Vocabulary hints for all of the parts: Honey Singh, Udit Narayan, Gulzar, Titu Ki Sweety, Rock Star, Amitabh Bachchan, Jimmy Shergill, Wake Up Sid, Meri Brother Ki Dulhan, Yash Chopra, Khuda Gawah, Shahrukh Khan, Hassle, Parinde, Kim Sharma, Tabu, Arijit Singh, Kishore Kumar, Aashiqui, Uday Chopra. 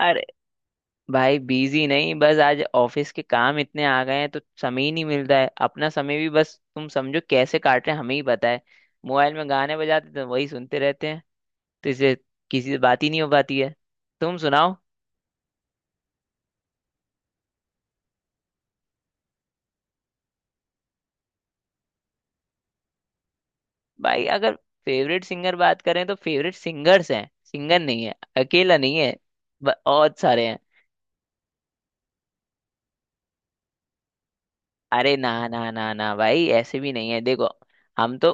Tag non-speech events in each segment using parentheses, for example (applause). अरे भाई बिजी नहीं। बस आज ऑफिस के काम इतने आ गए हैं तो समय ही नहीं मिल रहा है। अपना समय भी बस तुम समझो कैसे काट रहे हैं, हमें ही पता है। मोबाइल में गाने बजाते तो वही सुनते रहते हैं, तो इससे किसी से बात ही नहीं हो पाती है। तुम सुनाओ। भाई अगर फेवरेट सिंगर बात करें तो फेवरेट सिंगर्स हैं, सिंगर नहीं है, अकेला नहीं है। बहुत सारे हैं। अरे ना ना ना ना भाई, ऐसे भी नहीं है। देखो हम तो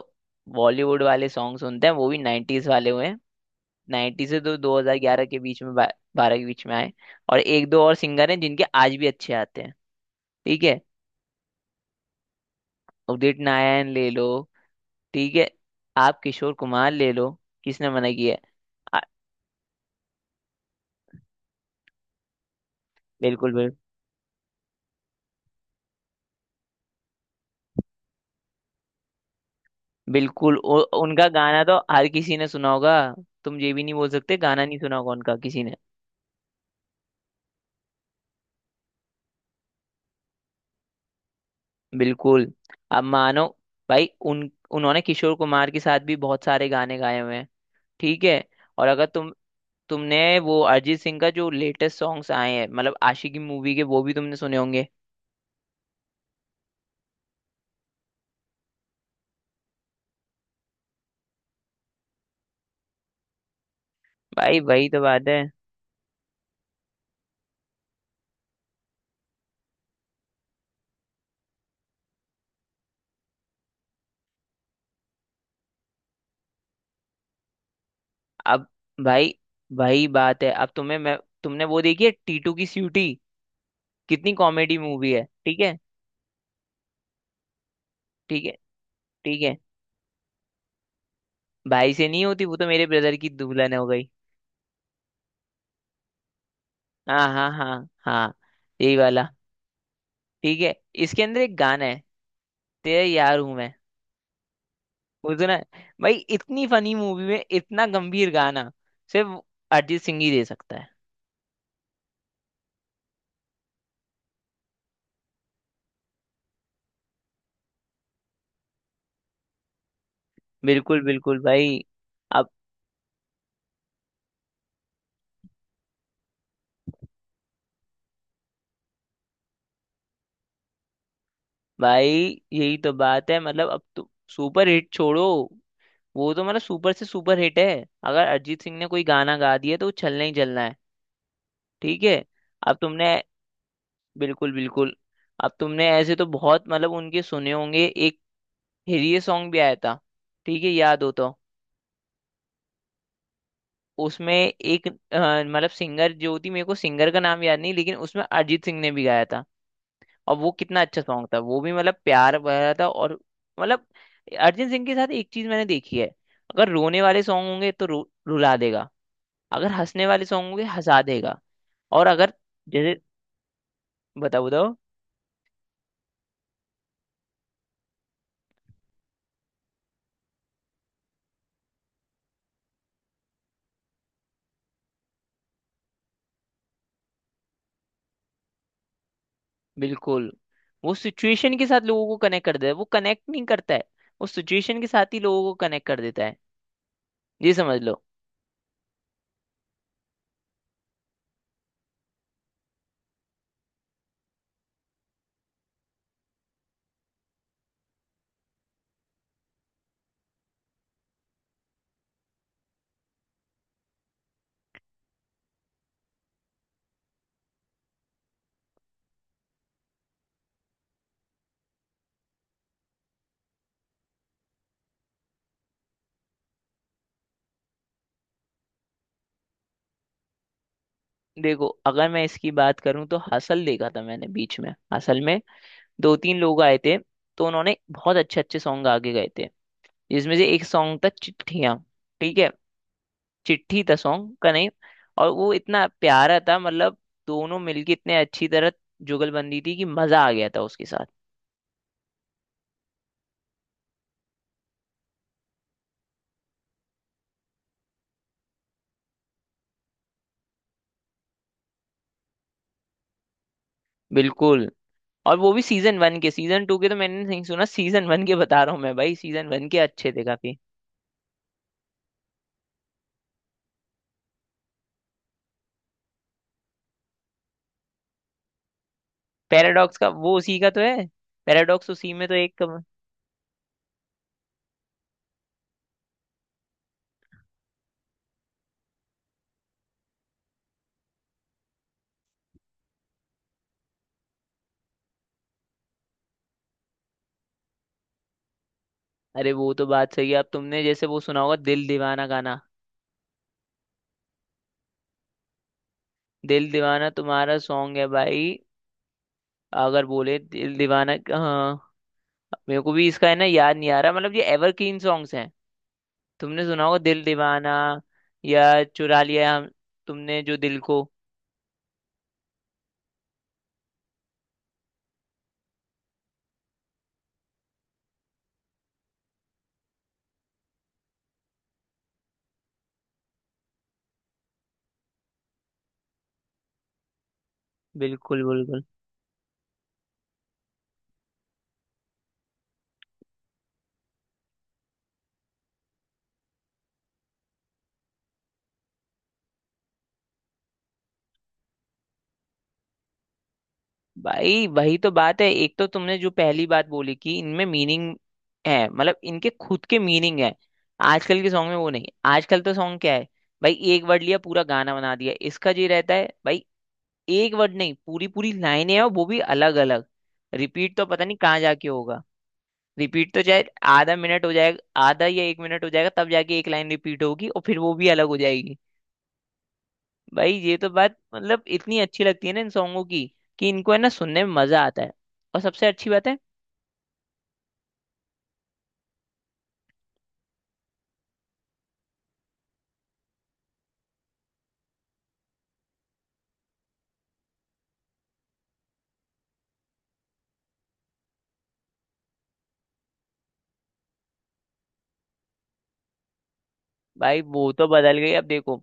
बॉलीवुड वाले सॉन्ग सुनते हैं, वो भी नाइन्टीज वाले हुए हैं। नाइन्टी से तो 2011 के बीच में, बारह के बीच में आए। और एक दो और सिंगर हैं जिनके आज भी अच्छे आते हैं। ठीक है। उदित नारायण ले लो। ठीक है। आप किशोर कुमार ले लो। किसने मना किया है? आ, बिल्कुल बिल्कुल। बिल्कुल उनका गाना तो हर किसी ने सुना होगा। तुम ये भी नहीं बोल सकते गाना नहीं सुना होगा उनका किसी ने। बिल्कुल। अब मानो भाई उन उन्होंने किशोर कुमार के साथ भी बहुत सारे गाने गाए हुए हैं। ठीक है। और अगर तुमने वो अरिजीत सिंह का जो लेटेस्ट सॉन्ग्स आए हैं मतलब आशिकी मूवी के, वो भी तुमने सुने होंगे। भाई वही तो बात है। अब भाई वही बात है। अब तुम्हें मैं तुमने वो देखी है टीटू की सीटी? कितनी कॉमेडी मूवी है, ठीक है। ठीक है। ठीक है। भाई से नहीं होती, वो तो मेरे ब्रदर की दुल्हन हो गई। हाँ हाँ हाँ हाँ, यही वाला। ठीक है। इसके अंदर एक गाना है तेरे यार हूं मैं। वो सुना है? भाई इतनी फनी मूवी में इतना गंभीर गाना सिर्फ अरिजीत सिंह ही दे सकता है। बिल्कुल बिल्कुल भाई। अब भाई यही तो बात है मतलब। अब तो सुपर हिट छोड़ो, वो तो मतलब सुपर से सुपर हिट है। अगर अरिजीत सिंह ने कोई गाना गा दिया तो वो चलना ही चलना है। ठीक है। अब तुमने बिल्कुल बिल्कुल। अब तुमने ऐसे तो बहुत मतलब उनके सुने होंगे। एक हिरिये सॉन्ग भी आया था, ठीक है, याद हो तो। उसमें एक मतलब सिंगर जो थी, मेरे को सिंगर का नाम याद नहीं, लेकिन उसमें अरिजीत सिंह ने भी गाया था। और वो कितना अच्छा सॉन्ग था, वो भी मतलब प्यार भरा था। और मतलब अरिजीत सिंह के साथ एक चीज मैंने देखी है। अगर रोने वाले सॉन्ग होंगे तो रुला देगा। अगर हंसने वाले सॉन्ग होंगे हंसा देगा। और अगर जैसे बताओ बताओ। बिल्कुल। वो सिचुएशन के साथ लोगों को कनेक्ट कर देता है, वो कनेक्ट नहीं करता है, वो सिचुएशन के साथ ही लोगों को कनेक्ट कर देता है, ये समझ लो। देखो अगर मैं इसकी बात करूं तो हसल देखा था मैंने। बीच में हसल में दो तीन लोग आए थे। तो उन्होंने बहुत अच्छे अच्छे सॉन्ग आगे गए थे, जिसमें से एक सॉन्ग था चिट्ठियां। ठीक है, चिट्ठी था सॉन्ग का नेम। और वो इतना प्यारा था, मतलब दोनों मिलके इतने अच्छी तरह जुगलबंदी थी कि मजा आ गया था उसके साथ। बिल्कुल। और वो भी सीजन वन के, सीजन टू के तो मैंने नहीं सुना, सीजन वन के बता रहा हूँ मैं भाई, सीजन वन के अच्छे थे काफी। पैराडॉक्स का वो उसी का तो है। पैराडॉक्स उसी में तो एक अरे वो तो बात सही है। अब तुमने जैसे वो सुना होगा दिल दीवाना गाना। दिल दीवाना तुम्हारा सॉन्ग है भाई। अगर बोले दिल दीवाना, हाँ। मेरे को भी इसका है ना, याद नहीं आ रहा। मतलब ये एवरग्रीन सॉन्ग्स हैं। तुमने सुना होगा दिल दीवाना, या चुरा लिया हम तुमने जो दिल को। बिल्कुल बिल्कुल भाई। वही तो बात है। एक तो तुमने जो पहली बात बोली कि इनमें मीनिंग है, मतलब इनके खुद के मीनिंग है। आजकल के सॉन्ग में वो नहीं। आजकल तो सॉन्ग क्या है, भाई एक वर्ड लिया पूरा गाना बना दिया, इसका ये रहता है भाई। एक वर्ड नहीं पूरी पूरी लाइनें हैं और वो भी अलग अलग। रिपीट तो पता नहीं कहाँ जाके होगा। रिपीट तो चाहे आधा मिनट हो जाएगा, आधा या एक मिनट हो जाएगा, तब जाके एक लाइन रिपीट होगी और फिर वो भी अलग हो जाएगी। भाई ये तो बात मतलब इतनी अच्छी लगती है ना इन सॉन्गों की, कि इनको है ना सुनने में मजा आता है। और सबसे अच्छी बात है। भाई वो तो बदल गई। अब देखो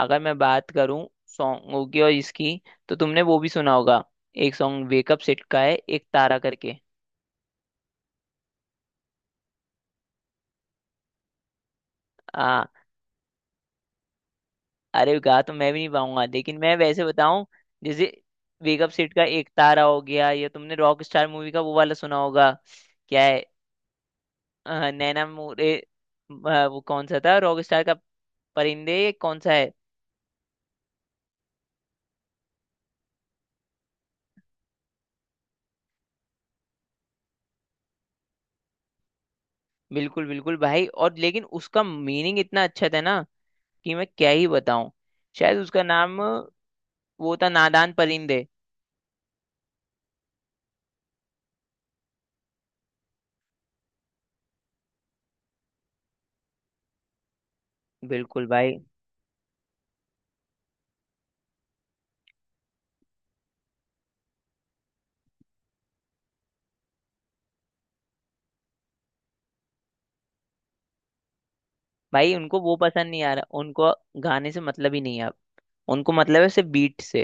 अगर मैं बात करूं सॉन्गों की और इसकी, तो तुमने वो भी सुना होगा एक सॉन्ग वेकअप सिड का है एक तारा करके। हाँ। अरे गा तो मैं भी नहीं पाऊंगा, लेकिन मैं वैसे बताऊं जैसे वेकअप सेट का एक तारा हो गया, या तुमने रॉक स्टार मूवी का वो वाला सुना होगा। क्या है, नैना मोरे? वो कौन सा था रॉक स्टार का, परिंदे कौन सा है? बिल्कुल बिल्कुल भाई। और लेकिन उसका मीनिंग इतना अच्छा था ना कि मैं क्या ही बताऊं। शायद उसका नाम वो था नादान परिंदे। बिल्कुल भाई। भाई उनको वो पसंद नहीं आ रहा। उनको गाने से मतलब ही नहीं है अब। उनको मतलब है सिर्फ बीट से।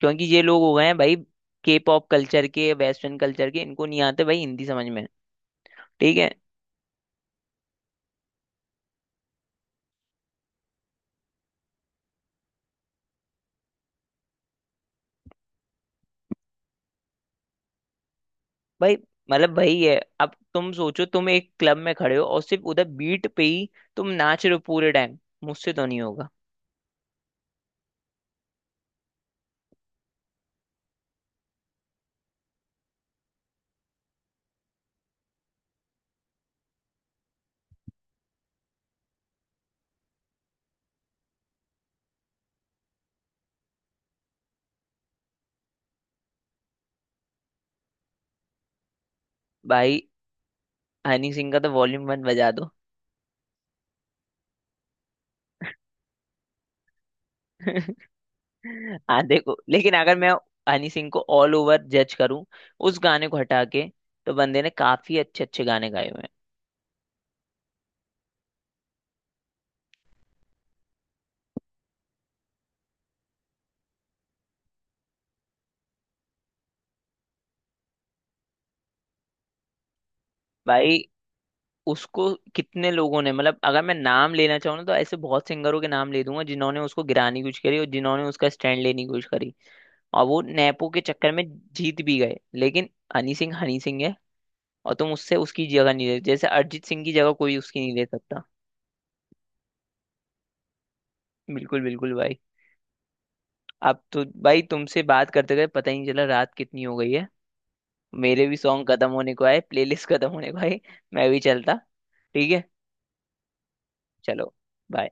क्योंकि ये लोग हो गए हैं भाई के पॉप कल्चर के, वेस्टर्न कल्चर के, इनको नहीं आते भाई हिंदी समझ में। ठीक है। भाई मतलब वही है। अब तुम सोचो तुम एक क्लब में खड़े हो और सिर्फ उधर बीट पे ही तुम नाच रहे हो पूरे टाइम, मुझसे तो नहीं होगा। भाई हनी सिंह का तो वॉल्यूम वन बजा दो। (laughs) हाँ देखो, लेकिन अगर मैं हनी सिंह को ऑल ओवर जज करूं उस गाने को हटा के, तो बंदे ने काफी अच्छे अच्छे गाने गाए हुए हैं। भाई उसको कितने लोगों ने मतलब, अगर मैं नाम लेना चाहूँ ना तो ऐसे बहुत सिंगरों के नाम ले दूंगा जिन्होंने उसको गिराने की कोशिश करी और जिन्होंने उसका स्टैंड लेने की कोशिश करी। और वो नेपो के चक्कर में जीत भी गए, लेकिन हनी सिंह है। और तुम उससे उसकी जगह नहीं ले, जैसे अरिजीत सिंह की जगह कोई उसकी नहीं ले सकता। बिल्कुल बिल्कुल भाई। अब तो भाई तुमसे बात करते गए पता ही नहीं चला रात कितनी हो गई है। मेरे भी सॉन्ग खत्म होने को आए, प्लेलिस्ट खत्म होने को आए। मैं भी चलता, ठीक है। चलो bye।